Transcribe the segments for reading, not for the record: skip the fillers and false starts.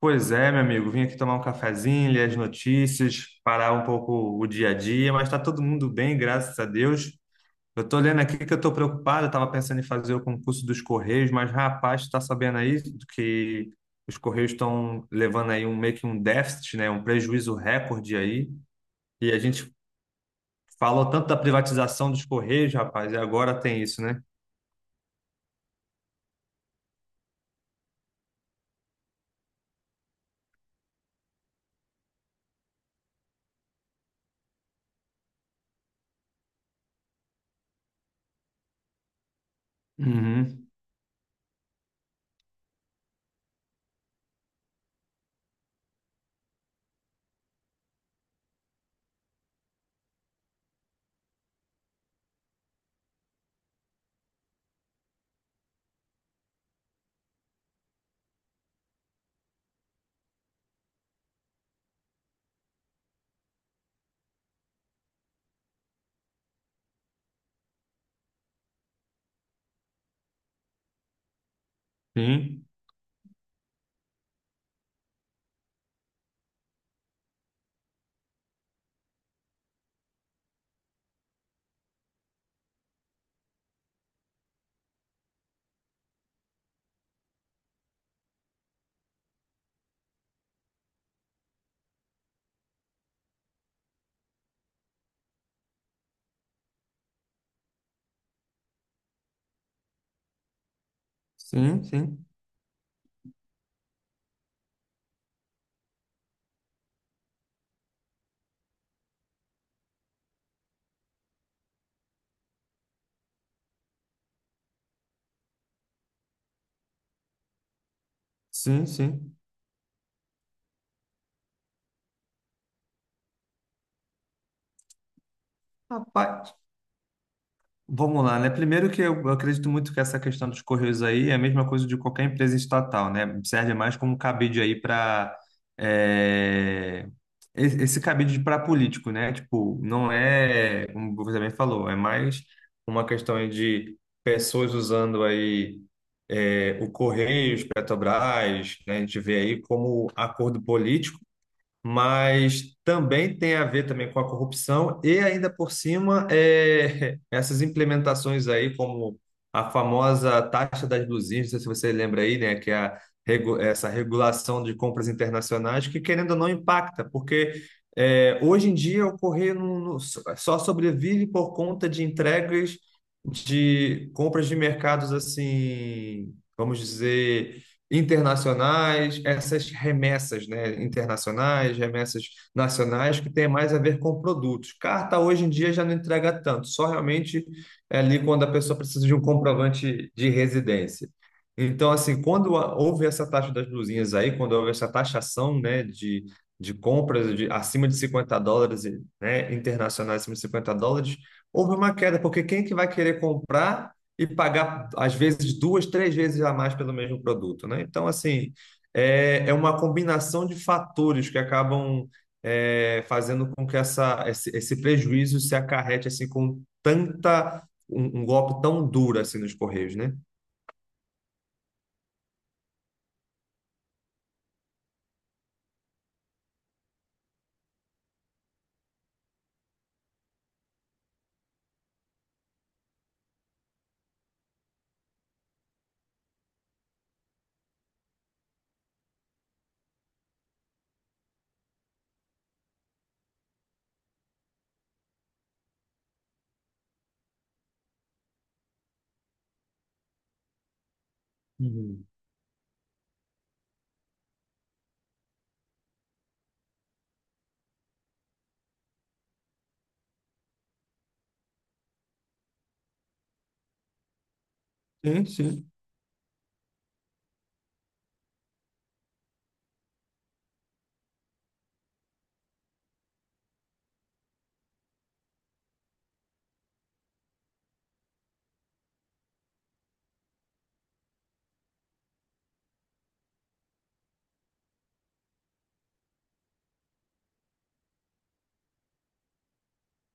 Pois é, meu amigo, vim aqui tomar um cafezinho, ler as notícias, parar um pouco o dia a dia, mas está todo mundo bem, graças a Deus. Eu estou lendo aqui que eu estou preocupado, estava pensando em fazer o concurso dos Correios, mas rapaz, está sabendo aí que os Correios estão levando aí um meio que um déficit, né, um prejuízo recorde aí, e a gente falou tanto da privatização dos Correios, rapaz, e agora tem isso, né? Uhum. Sim, sim, sim, sim, sim. Rapaz, vamos lá, né? Primeiro que eu acredito muito que essa questão dos correios aí é a mesma coisa de qualquer empresa estatal, né? Serve mais como cabide aí para esse cabide para político, né? Tipo, não é, como você bem falou, é mais uma questão aí de pessoas usando aí o Correios, Petrobras, né? A gente vê aí como acordo político, mas também tem a ver também com a corrupção e ainda por cima é, essas implementações aí como a famosa taxa das blusinhas, não sei se você lembra aí, né, que é a, regu- essa regulação de compras internacionais que, querendo ou não, impacta, porque, é, hoje em dia o correio só sobrevive por conta de entregas de compras de mercados, assim, vamos dizer, internacionais, essas remessas, né, internacionais, remessas nacionais, que tem mais a ver com produtos. Carta hoje em dia já não entrega tanto, só realmente é ali quando a pessoa precisa de um comprovante de residência. Então, assim, houve essa taxa das blusinhas aí, quando houve essa taxação, né, de compras de acima de US$ 50, e, né, internacionais acima de US$ 50, houve uma queda, porque quem que vai querer comprar e pagar, às vezes, duas, três vezes a mais pelo mesmo produto, né? Então, assim, é uma combinação de fatores que acabam, é, fazendo com que esse prejuízo se acarrete, assim, com tanta, um golpe tão duro, assim, nos Correios, né? Uhum. Sim, sim,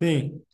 sim.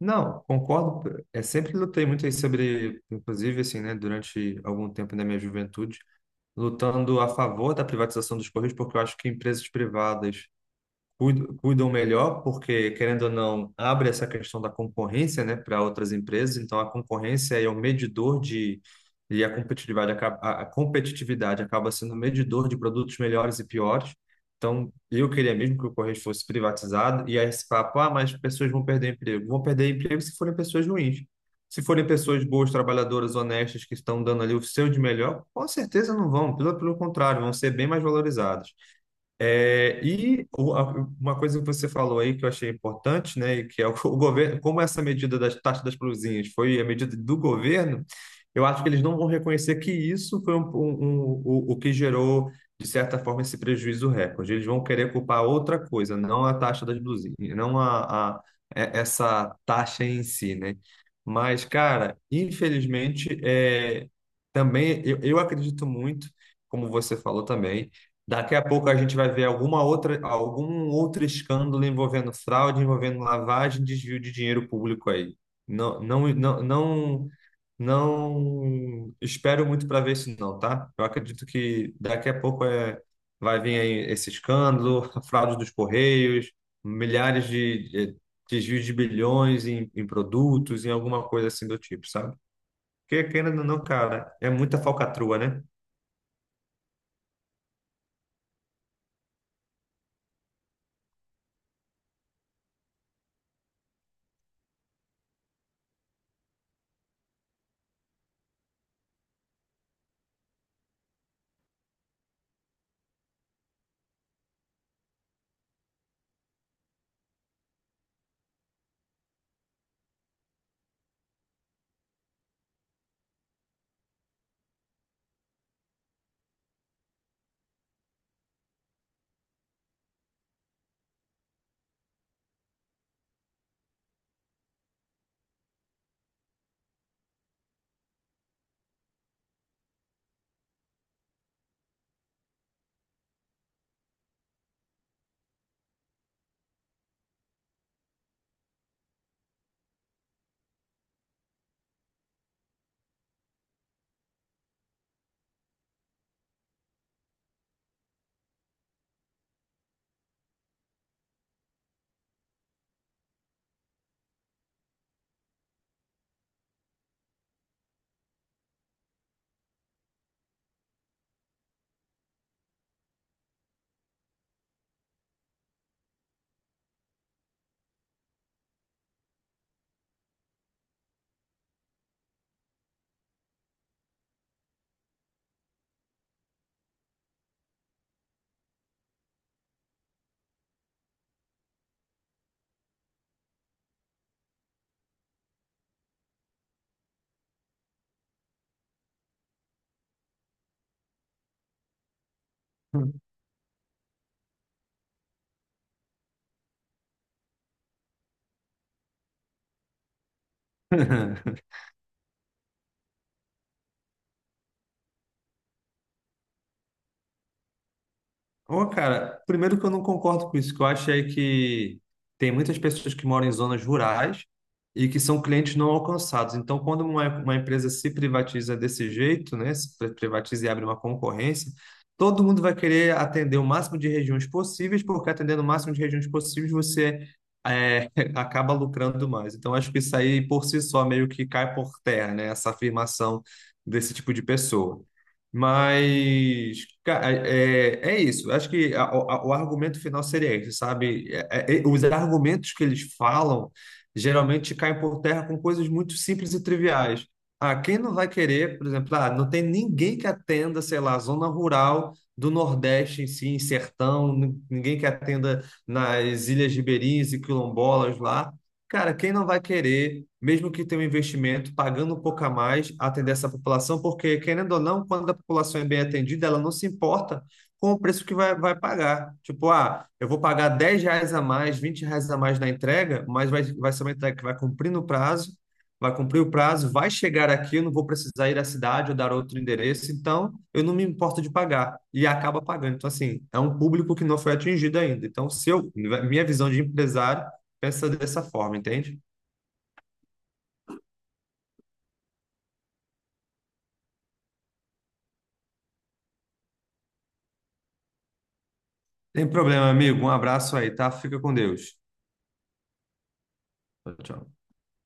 Não, concordo. É, sempre lutei muito aí sobre, inclusive, assim, né, durante algum tempo da minha juventude, lutando a favor da privatização dos Correios, porque eu acho que empresas privadas cuidam melhor, porque, querendo ou não, abre essa questão da concorrência, né, para outras empresas. Então, a concorrência é o medidor de. E a competitividade, a competitividade acaba sendo o medidor de produtos melhores e piores. Então, eu queria mesmo que o Correios fosse privatizado. E aí, esse papo, ah, mas pessoas vão perder emprego. Vão perder emprego se forem pessoas ruins. Se forem pessoas boas, trabalhadoras, honestas, que estão dando ali o seu de melhor, com certeza não vão. Pelo, pelo contrário, vão ser bem mais valorizadas. É, uma coisa que você falou aí que eu achei importante, né, e que é o, o governo, como essa medida das taxas das províncias foi a medida do governo, eu acho que eles não vão reconhecer que isso foi o que gerou, de certa forma, esse prejuízo recorde. Eles vão querer culpar outra coisa, não a taxa das blusinhas, não a, a- é- essa taxa em si, né? Mas, cara, infelizmente, é, também eu acredito muito, como você falou também. Daqui a pouco a gente vai ver alguma outra, algum outro escândalo envolvendo fraude, envolvendo lavagem, desvio de dinheiro público aí. Não, não, não, não, não espero muito para ver isso não, tá? Eu acredito que daqui a pouco, é, vai vir aí esse escândalo, a fraude dos Correios, milhares de desvios de bilhões em produtos, em alguma coisa assim do tipo, sabe? Porque, querendo ou não, cara, é muita falcatrua, né? Ô, cara, primeiro que eu não concordo com isso, que eu acho é que tem muitas pessoas que moram em zonas rurais e que são clientes não alcançados. Então, quando uma empresa se privatiza desse jeito, né, se pri- privatiza e abre uma concorrência, todo mundo vai querer atender o máximo de regiões possíveis, porque atendendo o máximo de regiões possíveis, você, é, acaba lucrando mais. Então, acho que isso aí, por si só, meio que cai por terra, né, essa afirmação desse tipo de pessoa. Mas, cara, é, é isso. Acho que o argumento final seria esse, sabe? Os argumentos que eles falam geralmente caem por terra com coisas muito simples e triviais. Ah, quem não vai querer, por exemplo, ah, não tem ninguém que atenda, sei lá, a zona rural do Nordeste em si, em sertão, ninguém que atenda nas ilhas ribeirinhas e quilombolas lá. Cara, quem não vai querer, mesmo que tenha um investimento, pagando um pouco a mais, atender essa população? Porque, querendo ou não, quando a população é bem atendida, ela não se importa com o preço que vai pagar. Tipo, ah, eu vou pagar R$ 10 a mais, R$ 20 a mais na entrega, mas vai ser uma entrega que vai cumprir no prazo, vai cumprir o prazo, vai chegar aqui, eu não vou precisar ir à cidade ou dar outro endereço, então eu não me importo de pagar. E acaba pagando. Então, assim, é um público que não foi atingido ainda. Então, se eu, minha visão de empresário, pensa dessa forma, entende? Tem problema, amigo. Um abraço aí, tá? Fica com Deus. Tchau, tchau.